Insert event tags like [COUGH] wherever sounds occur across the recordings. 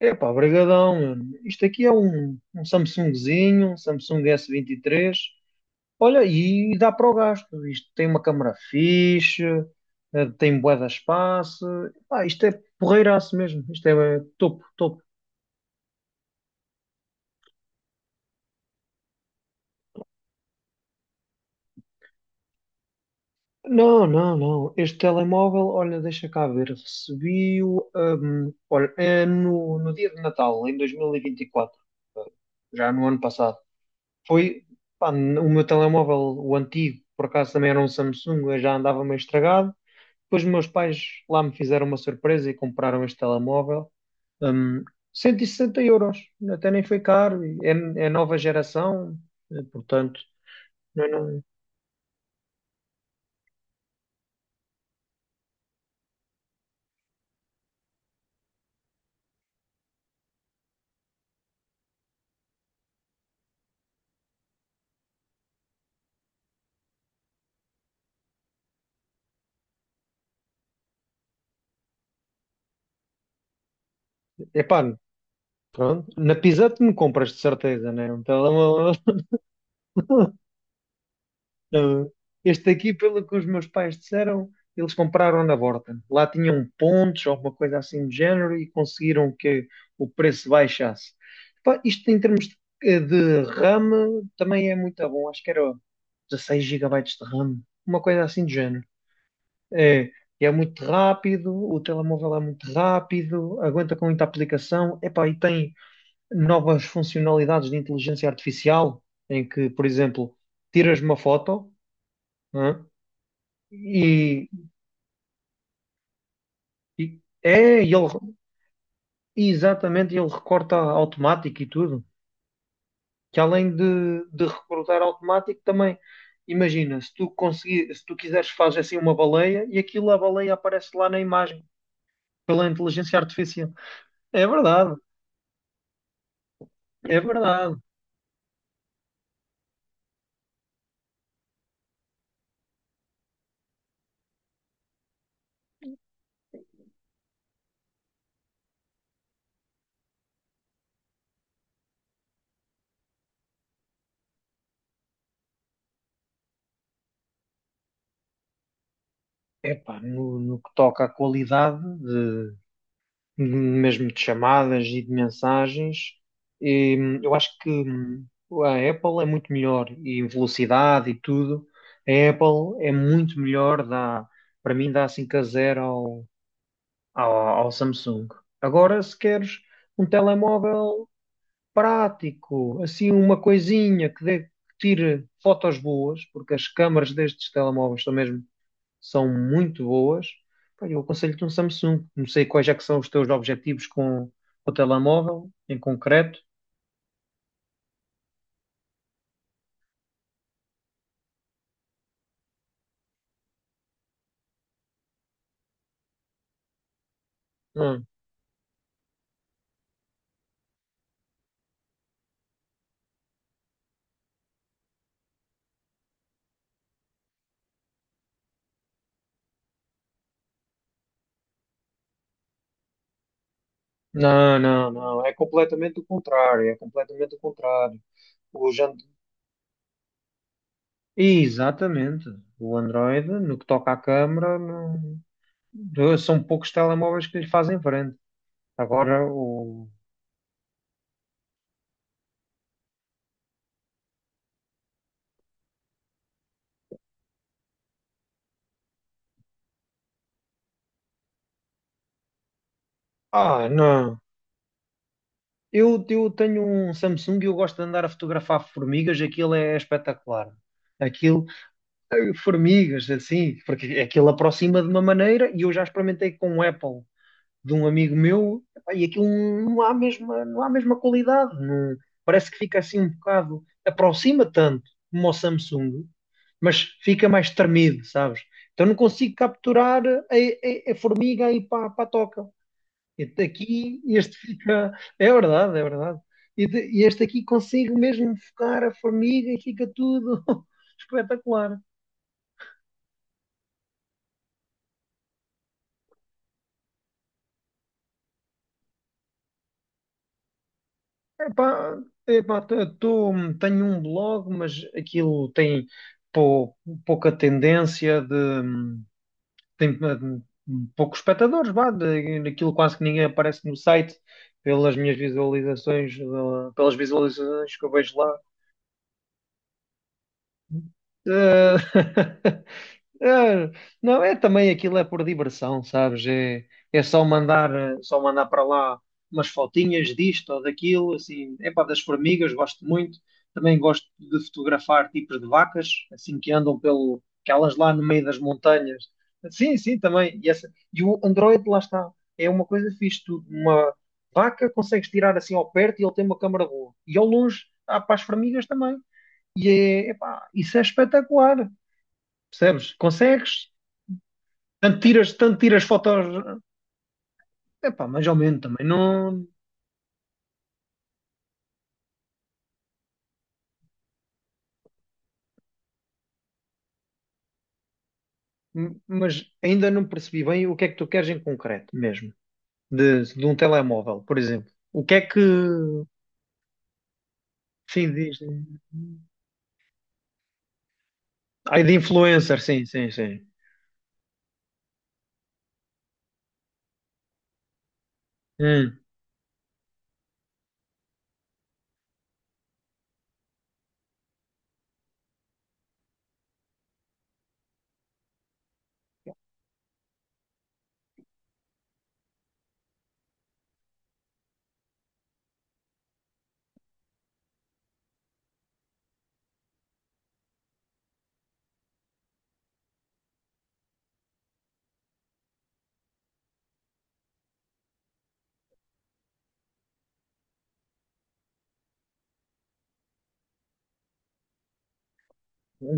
Epá, brigadão, mano. Isto aqui é um Samsungzinho, um Samsung S23. Olha, e dá para o gasto. Isto tem uma câmara fixe, tem bué de espaço. Epá, isto é porreiraço mesmo. Isto é topo, topo. Não, não, não. Este telemóvel, olha, deixa cá ver. Recebi-o, olha, é no dia de Natal, em 2024. Já no ano passado. Foi, pá, o meu telemóvel, o antigo, por acaso também era um Samsung, eu já andava meio estragado. Depois meus pais lá me fizeram uma surpresa e compraram este telemóvel. Hum, 160 euros, até nem foi caro, e é nova geração, portanto, não, é, não, epá, pronto, na Pisa me compras de certeza, né? Um telemóvel. [LAUGHS] Não. Este aqui, pelo que os meus pais disseram, eles compraram na Borta. Lá tinham pontos, alguma coisa assim do género, e conseguiram que o preço baixasse. Pá, isto em termos de RAM também é muito bom. Acho que era 16 gigabytes de RAM, uma coisa assim do género. É, é muito rápido, o telemóvel é muito rápido, aguenta com muita aplicação. Epá, e tem novas funcionalidades de inteligência artificial, em que, por exemplo, tiras uma foto. Hã? E, e- é, e ele, exatamente, ele recorta automático e tudo. Que além de recortar automático, também, imagina, se tu quiseres, fazes assim uma baleia e aquilo, a baleia aparece lá na imagem, pela inteligência artificial. É verdade, é verdade. Epá, no que toca à qualidade mesmo de chamadas e de mensagens. Eu acho que a Apple é muito melhor e em velocidade e tudo. A Apple é muito melhor, para mim dá 5-0 ao, ao Samsung. Agora, se queres um telemóvel prático, assim uma coisinha que tire fotos boas, porque as câmaras destes telemóveis são muito boas, pá, eu aconselho-te um Samsung. Não sei quais é que são os teus objetivos com o telemóvel, em concreto. Hum. Não, não, não. É completamente o contrário. É completamente o contrário. Hoje ando- Exatamente. O Android, no que toca à câmara, são poucos telemóveis que lhe fazem frente. Agora o. Ah, não. Eu tenho um Samsung e eu gosto de andar a fotografar formigas. Aquilo é espetacular. Aquilo Formigas, assim, porque aquilo aproxima de uma maneira e eu já experimentei com o Apple de um amigo meu epá, e aquilo não há a mesma qualidade, parece que fica assim um bocado, aproxima tanto como o Samsung, mas fica mais tremido, sabes? Então não consigo capturar a formiga aí para a toca. Este aqui, este fica, é verdade, é verdade. E este aqui consigo mesmo focar a formiga e fica tudo [LAUGHS] espetacular. Epá, epá, tenho um blog, mas aquilo tem pou- pouca tendência de tem poucos espectadores, vá, daquilo quase que ninguém aparece no site pelas visualizações que eu vejo lá. Eh, [LAUGHS] eh, não, é também aquilo é por diversão, sabes? É só só mandar para lá umas fotinhas disto ou daquilo, assim, é pá, das formigas, gosto muito. Também gosto de fotografar tipos de vacas, assim que andam pelo, aquelas lá no meio das montanhas. Sim, sim, também. E o Android, lá está, é uma coisa fixe, tu, uma vaca consegues tirar assim ao perto e ele tem uma câmara boa. E ao longe, há para as formigas também. E é, epá, isso é espetacular, percebes? Consegues, tanto tiras fotos, epá, mais ou menos também, não, mas ainda não percebi bem o que é que tu queres em concreto mesmo, de um telemóvel, por exemplo. O que é que, sim, diz, ai, de influencer, sim, sim, sim. Hum,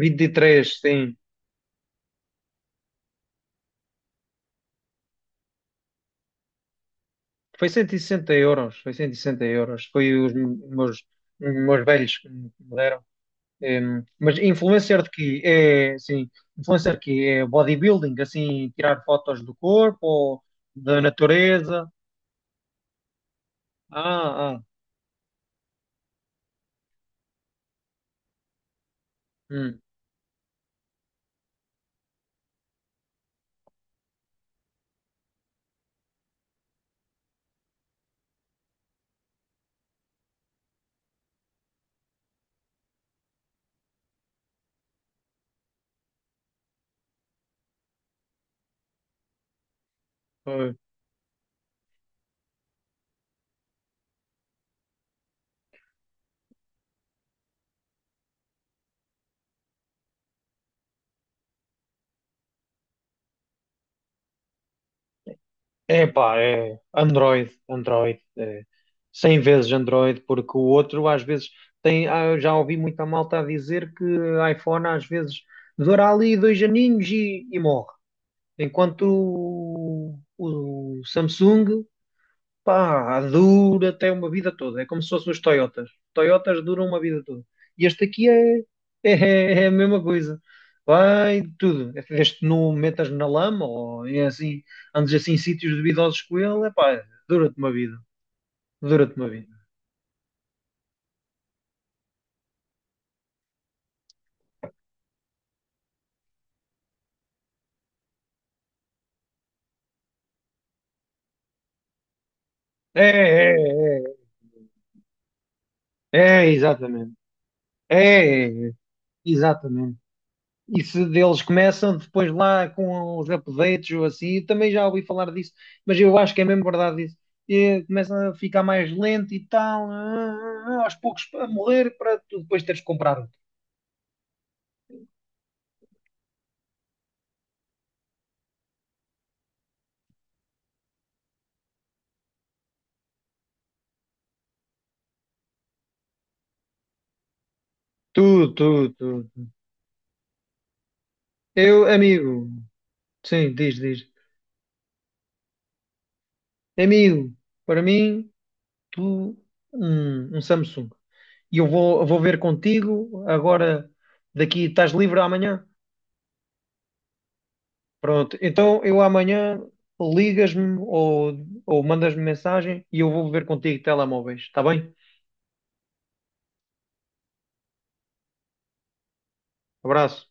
23 sim. Foi 160 euros, foi 160 euros, foi os meus velhos que me deram. Eh, mas influencer de quê? É, sim, influencer de quê? É bodybuilding, assim, tirar fotos do corpo ou da natureza? Ah, ah, hum, pois. É pá, é Android, Android, é, 100 vezes Android, porque o outro às vezes eu já ouvi muita malta a dizer que iPhone às vezes dura ali dois aninhos e morre, enquanto o Samsung, pá, dura até uma vida toda. É como se fossem os Toyotas. Toyotas duram uma vida toda. E este aqui é, é a mesma coisa. Vai de tudo. Este não metas na lama ou é assim, andes assim em sítios duvidosos com ele. É pá, dura-te uma vida. Dura-te uma vida. É, é, é. É, é, exatamente. É, é, é. Exatamente. E se deles começam depois lá com os updates ou assim, também já ouvi falar disso, mas eu acho que é mesmo verdade isso. E começam a ficar mais lento e tal, aos poucos a morrer para tu depois teres que comprar outro. Tudo, tudo, tudo. Eu, amigo, sim, diz, diz. Amigo, para mim, tu, um Samsung. E eu vou ver contigo agora, daqui, estás livre amanhã? Pronto, então eu amanhã ligas-me ou mandas-me mensagem e eu vou ver contigo telemóveis, está bem? Abraço.